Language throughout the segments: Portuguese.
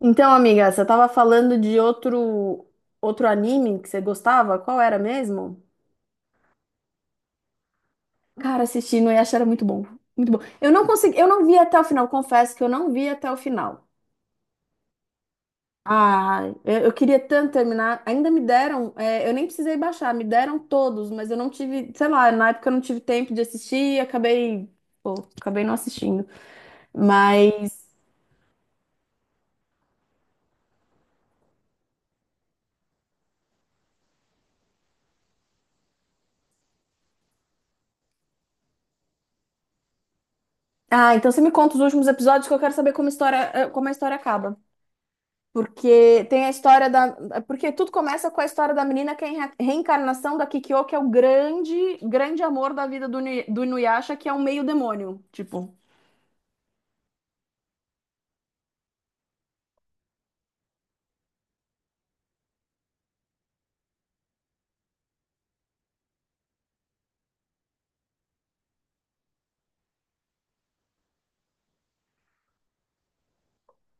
Então, amiga, você tava falando de outro anime que você gostava? Qual era mesmo? Cara, assisti no Yasha era muito bom. Muito bom. Eu não consegui, eu não vi até o final, confesso que eu não vi até o final. Ah, eu queria tanto terminar. Ainda me deram, eu nem precisei baixar, me deram todos, mas eu não tive, sei lá, na época eu não tive tempo de assistir e pô, acabei não assistindo. Mas, ah, então você me conta os últimos episódios, que eu quero saber como como a história acaba. Porque tem a história da. Porque tudo começa com a história da menina que é a reencarnação da Kikyo, que é o grande amor da vida do Inuyasha, que é um meio demônio. Tipo.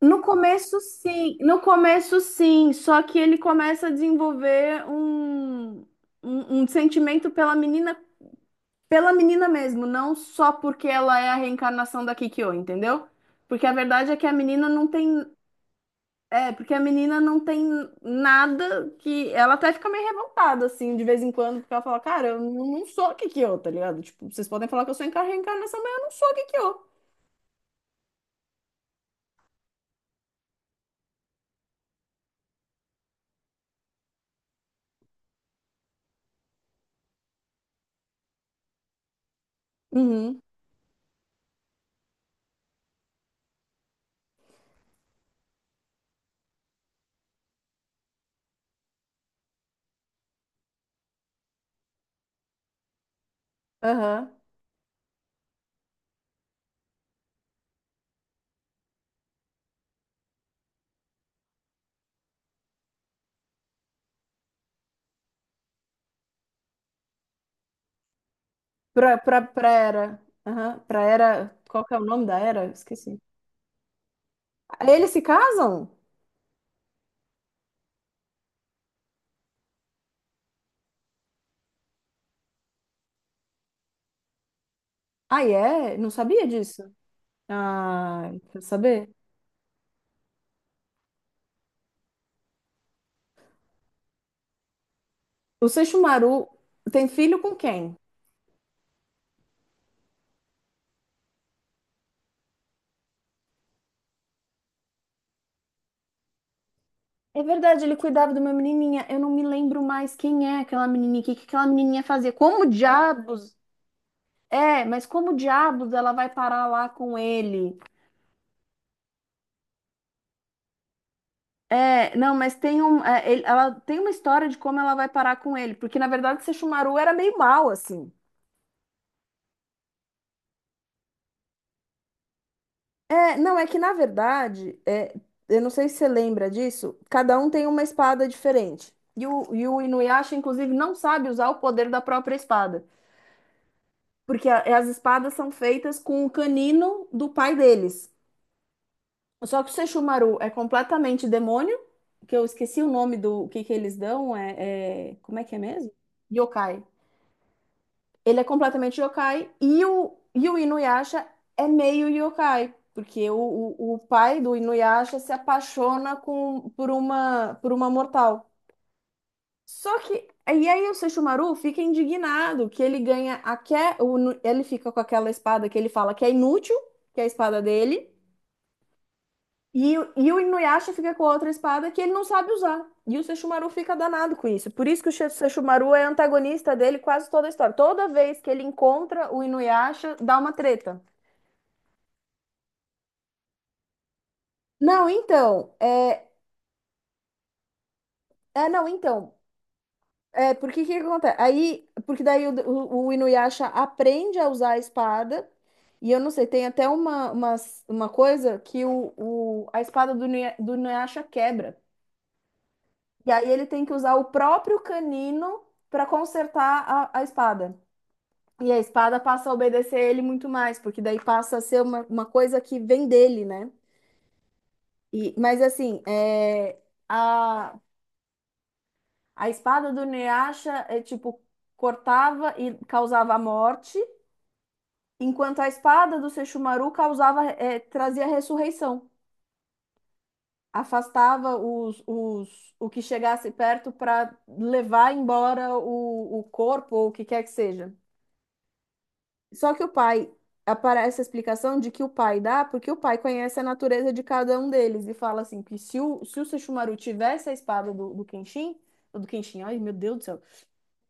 No começo, sim. No começo, sim. Só que ele começa a desenvolver um sentimento pela menina mesmo, não só porque ela é a reencarnação da Kikyo, entendeu? Porque a verdade é que a menina não tem. É, porque a menina não tem nada que. Ela até fica meio revoltada, assim, de vez em quando, porque ela fala: cara, eu não sou Kikyo, tá ligado? Tipo, vocês podem falar que eu sou reencarnação, mas eu não sou Kikyo. Uhum, aham. Pra era. Aham, pra era. Qual que é o nome da era? Esqueci. Eles se casam? Ah, é? Não sabia disso. Ah, quer saber? O Seixumaru tem filho com quem? É verdade, ele cuidava de uma menininha. Eu não me lembro mais quem é aquela menininha, o que que aquela menininha fazia. Como diabos? É, mas como diabos ela vai parar lá com ele? É, não, mas tem um, é, ele- ela tem uma história de como ela vai parar com ele, porque na verdade Sesshomaru era meio mal assim. É, não, é que na verdade, é, eu não sei se você lembra disso, cada um tem uma espada diferente. E o Inuyasha, inclusive, não sabe usar o poder da própria espada. Porque as espadas são feitas com o canino do pai deles. Só que o Sesshomaru é completamente demônio, que eu esqueci o nome do, o que que eles dão, como é que é mesmo? Yokai. Ele é completamente yokai e o Inuyasha é meio yokai, porque o pai do Inuyasha se apaixona com, por por uma mortal. Só que E aí o Sesshomaru fica indignado que ele ganha a que ele fica com aquela espada que ele fala que é inútil, que é a espada dele, e o Inuyasha fica com a outra espada que ele não sabe usar. E o Sesshomaru fica danado com isso. Por isso que o Sesshomaru é antagonista dele quase toda a história. Toda vez que ele encontra o Inuyasha, dá uma treta. Não, então, é, é não, então, É, porque que acontece? Porque daí o Inuyasha aprende a usar a espada, e eu não sei, tem até uma coisa que a espada do Inuyasha quebra. E aí ele tem que usar o próprio canino para consertar a espada. E a espada passa a obedecer ele muito mais, porque daí passa a ser uma coisa que vem dele, né? E, mas assim, a, a espada do Inuyasha é tipo, cortava e causava a morte, enquanto a espada do Seixumaru trazia ressurreição, afastava o que chegasse perto para levar embora o corpo ou o que quer que seja. Só que o pai aparece a explicação de que o pai dá, porque o pai conhece a natureza de cada um deles e fala assim que se o Sesshomaru tivesse a espada do Kenshin, ai meu Deus do céu,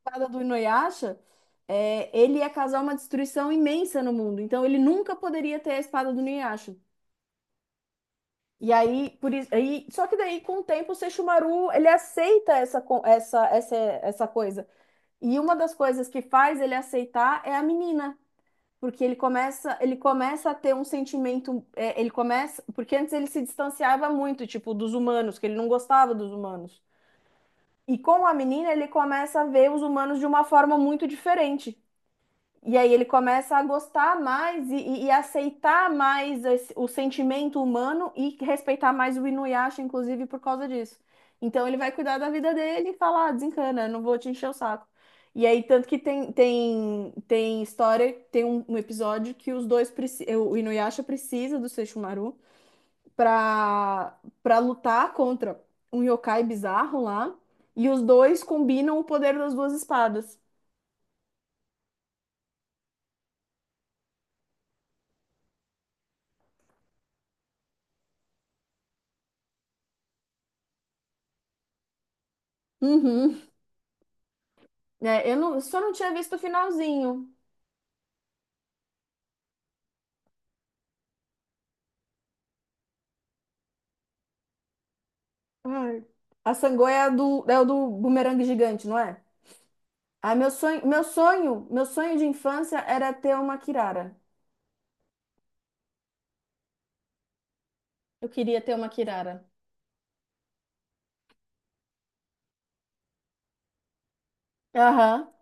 a espada do Inuyasha, é, ele ia causar uma destruição imensa no mundo. Então ele nunca poderia ter a espada do Inuyasha. E aí, por isso, aí, só que daí com o tempo o Seixumaru ele aceita essa, co- essa coisa. E uma das coisas que faz ele aceitar é a menina, porque ele começa a ter um sentimento, porque antes ele se distanciava muito, tipo, dos humanos, que ele não gostava dos humanos. E com a menina ele começa a ver os humanos de uma forma muito diferente. E aí ele começa a gostar mais e aceitar mais o sentimento humano e respeitar mais o Inuyasha, inclusive, por causa disso. Então ele vai cuidar da vida dele e falar: ah, desencana, eu não vou te encher o saco. E aí, tanto que tem história, tem um episódio que o Inuyasha precisa do Sesshomaru pra lutar contra um yokai bizarro lá. E os dois combinam o poder das duas espadas. Uhum. É, eu não, só não tinha visto o finalzinho. Ai. A Sangoya é a do, é o do bumerangue gigante, não é? Ah, meu sonho de infância era ter uma Kirara. Eu queria ter uma Kirara. Aham.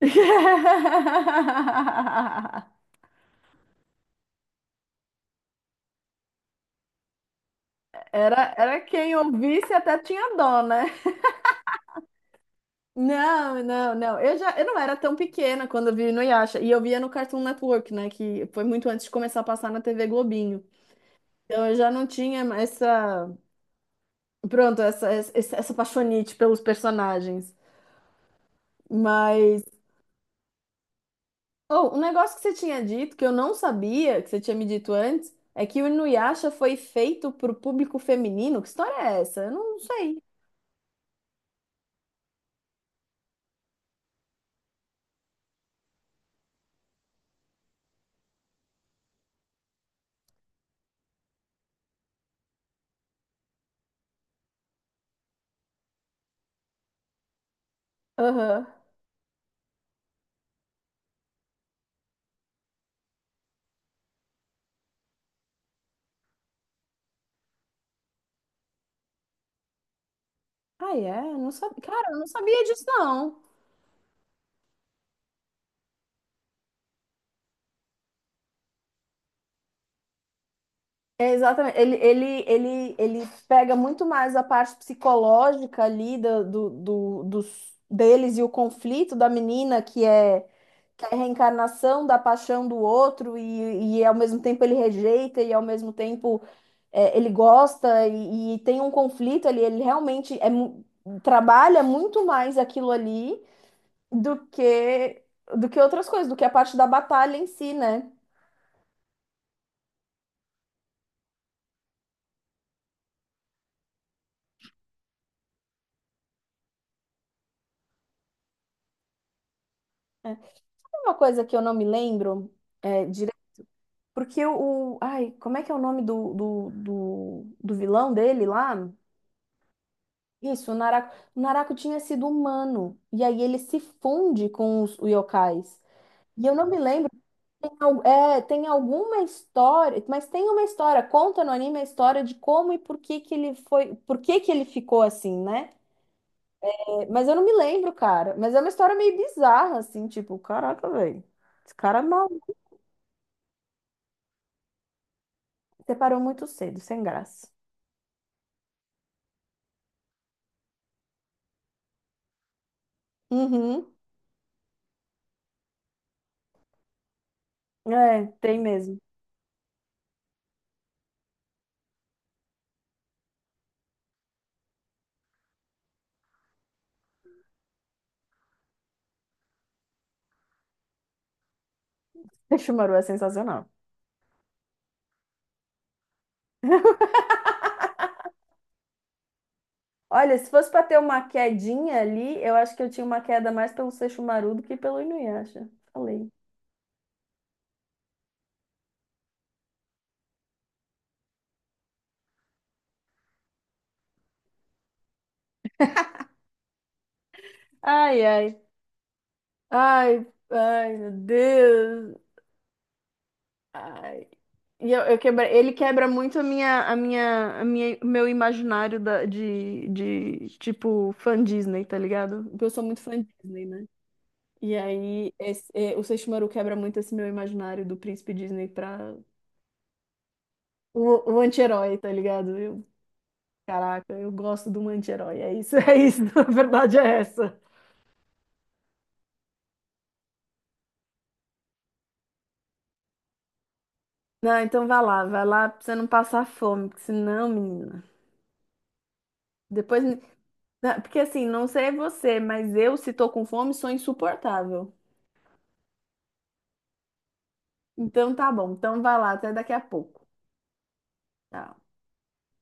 Era, era, quem ouvisse até tinha dó, né? Não, não, não. Eu não era tão pequena quando eu vi no Yasha. E eu via no Cartoon Network, né? Que foi muito antes de começar a passar na TV Globinho. Então eu já não tinha essa. Pronto, essa paixonite pelos personagens. Mas. Oh, um negócio que você tinha dito, que eu não sabia, que você tinha me dito antes, é que o Inuyasha foi feito pro público feminino. Que história é essa? Eu não sei. Aham. Ah, é? Não sabia. Cara, eu não sabia disso, não. É, exatamente. Ele pega muito mais a parte psicológica ali deles e o conflito da menina, que é a reencarnação da paixão do outro, e ao mesmo tempo ele rejeita, e ao mesmo tempo é, ele gosta, e tem um conflito ali. Ele realmente trabalha muito mais aquilo ali do que, do que outras coisas, do que a parte da batalha em si, né? É. Uma coisa que eu não me lembro. Porque o. Ai, como é que é o nome do vilão dele lá? Isso, o Naraku. O Naraku tinha sido humano. E aí ele se funde com os yokais. E eu não me lembro, tem alguma história, mas tem uma história, conta no anime a história de como e por que que ele foi, por que que ele ficou assim, né? É, mas eu não me lembro, cara. Mas é uma história meio bizarra, assim, tipo, caraca, velho. Esse cara mal, separou muito cedo, sem graça. Uhum. É, tem mesmo. Shimaru é sensacional. Olha, se fosse para ter uma quedinha ali, eu acho que eu tinha uma queda mais pelo Sesshomaru do que pelo Inuyasha. Falei. Ai, ai. Ai, ai, meu Deus. Ai. Ele quebra muito o meu imaginário tipo, fã Disney, tá ligado? Porque eu sou muito fã Disney, né? E aí, o Sesshomaru quebra muito esse meu imaginário do príncipe Disney pra o anti-herói, tá ligado? Caraca, eu gosto do um anti-herói. É isso, é isso. A verdade é essa. Não, então vai lá pra você não passar fome, porque senão, menina. Depois. me- Não, porque assim, não sei você, mas eu, se tô com fome, sou insuportável. Então tá bom, então vai lá, até daqui a pouco. Tchau.